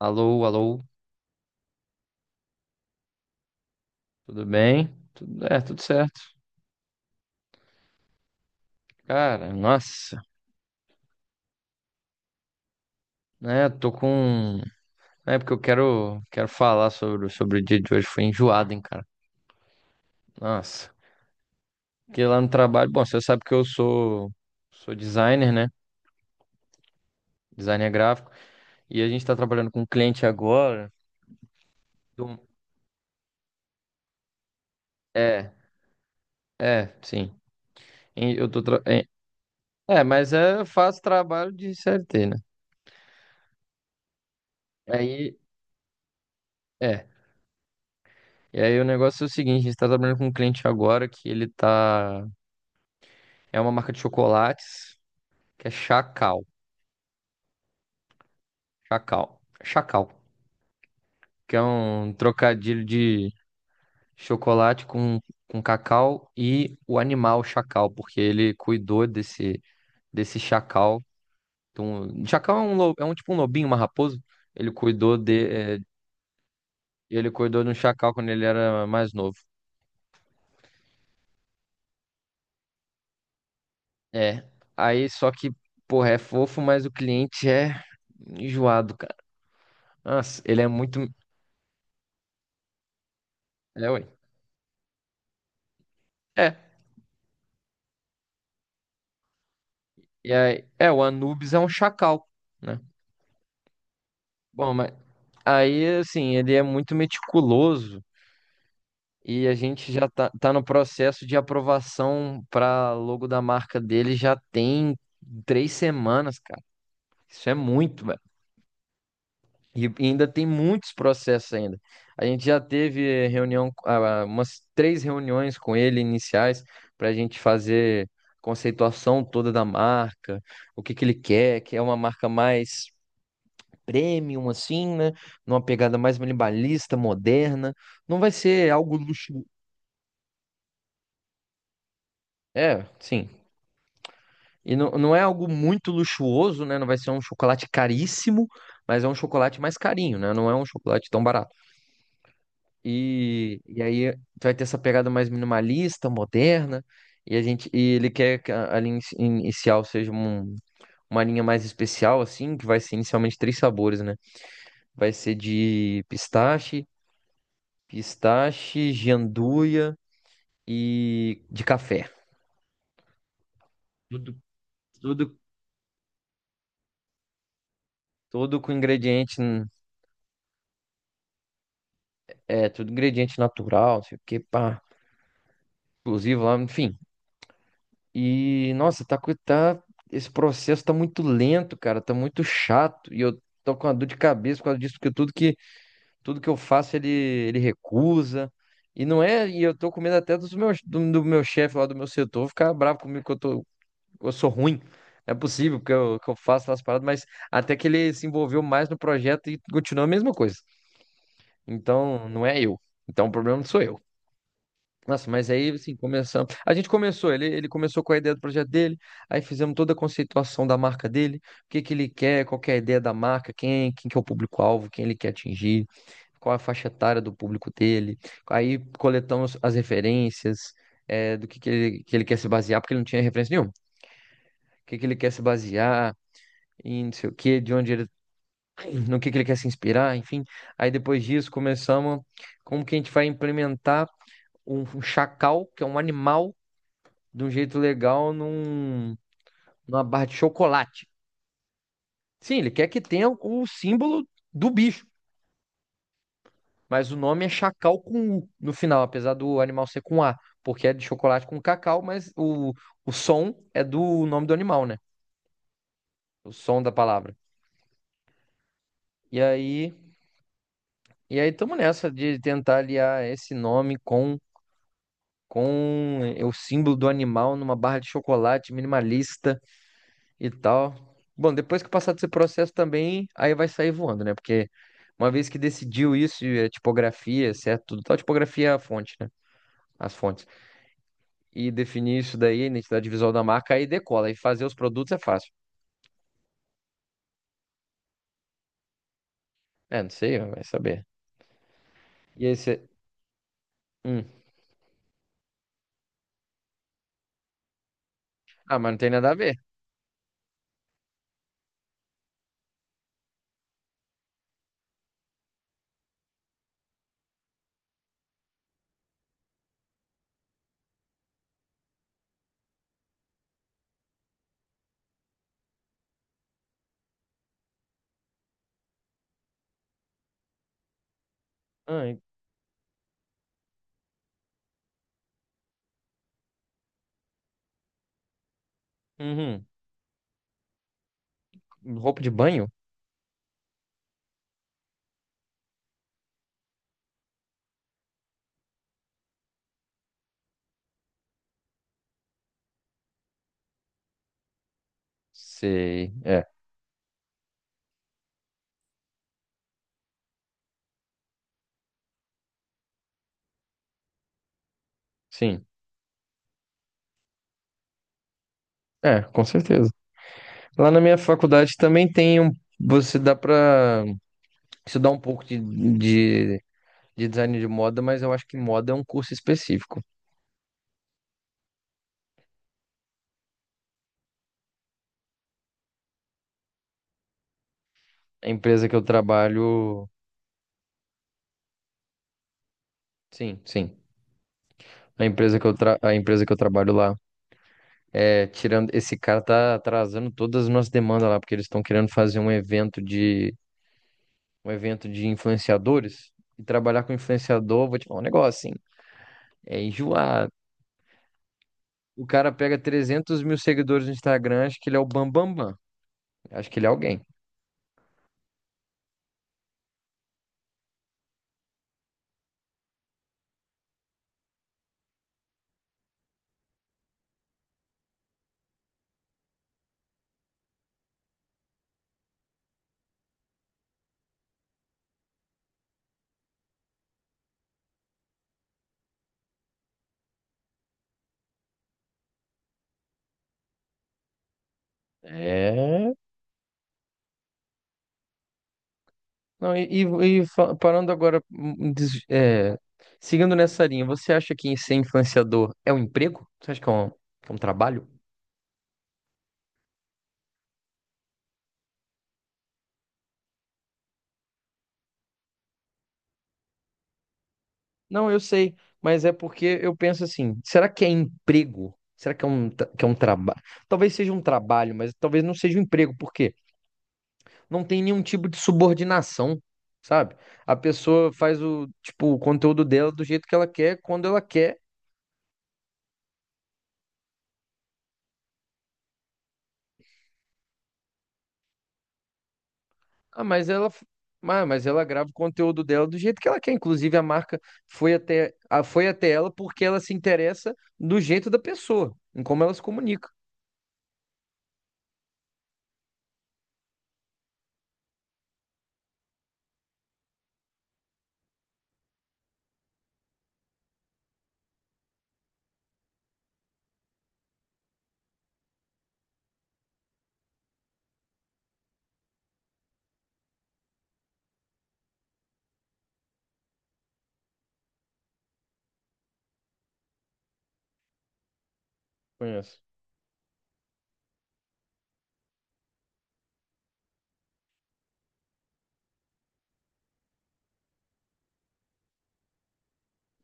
Alô, alô, tudo bem? Tudo, tudo certo. Cara, nossa, né? Tô com. É porque quero falar sobre o dia de hoje. Foi enjoado, hein, cara? Nossa. Porque lá no trabalho, bom, você sabe sou designer, né? Designer gráfico. E a gente tá trabalhando com um cliente agora. do- É, sim. E Eu tô tra- É, É, mas é, eu faço trabalho de CLT, né? Aí, é. E aí o negócio é o seguinte, a gente tá trabalhando com um cliente agora que ele tá. É uma marca de chocolates que é Chacal. Chacal. Chacal. Que é um trocadilho de chocolate com, com cacau e o animal chacal, porque ele cuidou desse chacal. Então, chacal é um, é um tipo um lobinho, uma raposa. Ele cuidou de, é, ele cuidou de um chacal quando ele era mais novo. É. Aí, só que, porra, é fofo, mas o cliente é enjoado, cara. Nossa, ele é muito. É, ué. É. O Anubis é um chacal, né? Bom, mas aí, assim, ele é muito meticuloso e a gente já tá no processo de aprovação para logo da marca dele já tem três semanas, cara. Isso é muito, velho. E ainda tem muitos processos ainda. A gente já teve reunião, ah, umas três reuniões com ele iniciais para a gente fazer conceituação toda da marca, o que que ele quer, que é uma marca mais premium, assim, né? Numa pegada mais minimalista, moderna. Não vai ser algo luxuoso. É, sim. E não, não é algo muito luxuoso, né? Não vai ser um chocolate caríssimo, mas é um chocolate mais carinho, né? Não é um chocolate tão barato. E aí tu vai ter essa pegada mais minimalista, moderna. E ele quer a linha inicial seja uma linha mais especial, assim, que vai ser inicialmente três sabores, né? Vai ser de pistache, pistache, gianduia e de café. Tudo, tudo, tudo com tudo ingrediente natural, não sei o que, pá, exclusivo lá, enfim. Tá, esse processo tá muito lento, cara, tá muito chato. E eu tô com uma dor de cabeça por causa disso, porque tudo que eu faço ele recusa. E não é, e eu tô com medo até dos do meu chefe lá do meu setor ficar bravo comigo eu sou ruim. Não é possível que eu faço as paradas, mas até que ele se envolveu mais no projeto e continuou a mesma coisa. Então, não é eu. Então, o problema não sou eu. Nossa, mas aí, assim, começamos. A gente começou, ele começou com a ideia do projeto dele, aí fizemos toda a conceituação da marca dele, o que que ele quer, qual que é a ideia da marca, quem que é o público-alvo, quem ele quer atingir, qual é a faixa etária do público dele. Aí coletamos as referências, do que que ele quer se basear, porque ele não tinha referência nenhuma. O que que ele quer se basear, e não sei o que, no que ele quer se inspirar, enfim. Aí depois disso começamos como que a gente vai implementar um chacal, que é um animal, de um jeito legal numa barra de chocolate. Sim, ele quer que tenha o símbolo do bicho, mas o nome é chacal com U no final, apesar do animal ser com A, porque é de chocolate com cacau, o som é do nome do animal, né? O som da palavra. E aí, e aí estamos nessa de tentar aliar esse nome com o símbolo do animal numa barra de chocolate minimalista e tal. Bom, depois que passar desse processo também, aí vai sair voando, né? Porque uma vez que decidiu isso, e a tipografia, certo? Tudo tal, tipografia é a fonte, né? As fontes. E definir isso daí, a identidade visual da marca, aí decola. E fazer os produtos é fácil. É, não sei, vai saber. E aí você. Hum. Ah, mas não tem nada a ver. Ah, e- uhum. Roupa de banho? Sei. É, sim. É, com certeza. Lá na minha faculdade também tem um. Você dá pra estudar um pouco de design de moda, mas eu acho que moda é um curso específico. A empresa que eu trabalho. Sim, sim. A empresa que eu trabalho lá é tirando. Esse cara tá atrasando todas as nossas demandas lá, porque eles estão querendo fazer um evento de influenciadores. E trabalhar com influenciador, vou te falar um negócio, assim. É enjoado. O cara pega 300 mil seguidores no Instagram, acho que ele é o Bambambam. Bam, Bam. Bam. Acho que ele é alguém. É. Não, e fa- parando agora, seguindo nessa linha, você acha que ser influenciador é um emprego? Você acha que é que é um trabalho? Não, eu sei, mas é porque eu penso assim: será que é emprego? Será que é que é um trabalho? Talvez seja um trabalho, mas talvez não seja um emprego, porque não tem nenhum tipo de subordinação, sabe? A pessoa faz o, tipo, o conteúdo dela do jeito que ela quer, quando ela quer. Ah, mas ela, mas ela grava o conteúdo dela do jeito que ela quer. Inclusive, a marca foi foi até ela porque ela se interessa do jeito da pessoa, em como ela se comunica. Conheço.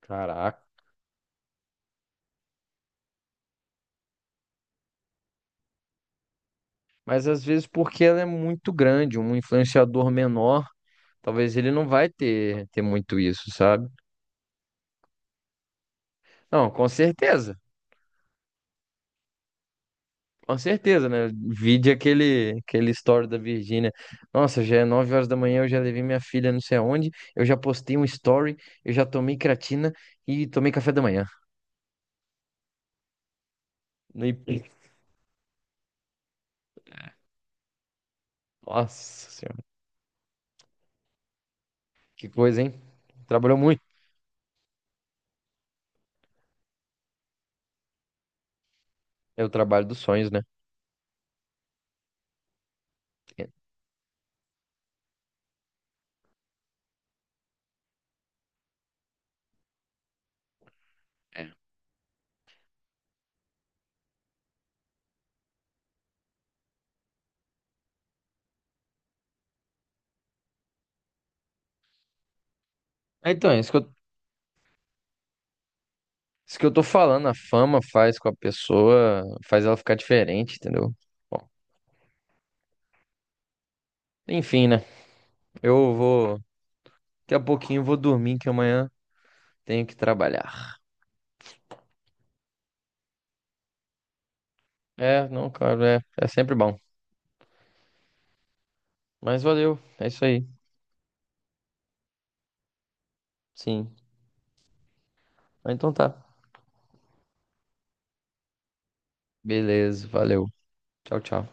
Caraca. Mas às vezes porque ela é muito grande, um influenciador menor, talvez ele não vai ter muito isso, sabe? Não, com certeza. Com certeza, né? Vide aquele story da Virgínia. Nossa, já é 9 horas da manhã, eu já levei minha filha não sei aonde, eu já postei um story, eu já tomei creatina e tomei café da manhã. E- Nossa senhora, que coisa, hein? Trabalhou muito. É o trabalho dos sonhos, né? É. Então, isso que eu tô falando, a fama faz com a pessoa, faz ela ficar diferente, entendeu? Bom, enfim, né? Eu vou, daqui a pouquinho eu vou dormir, que amanhã tenho que trabalhar. É, não, cara, é sempre bom. Mas valeu, é isso aí. Sim. Ah, então tá. Beleza, valeu. Tchau, tchau.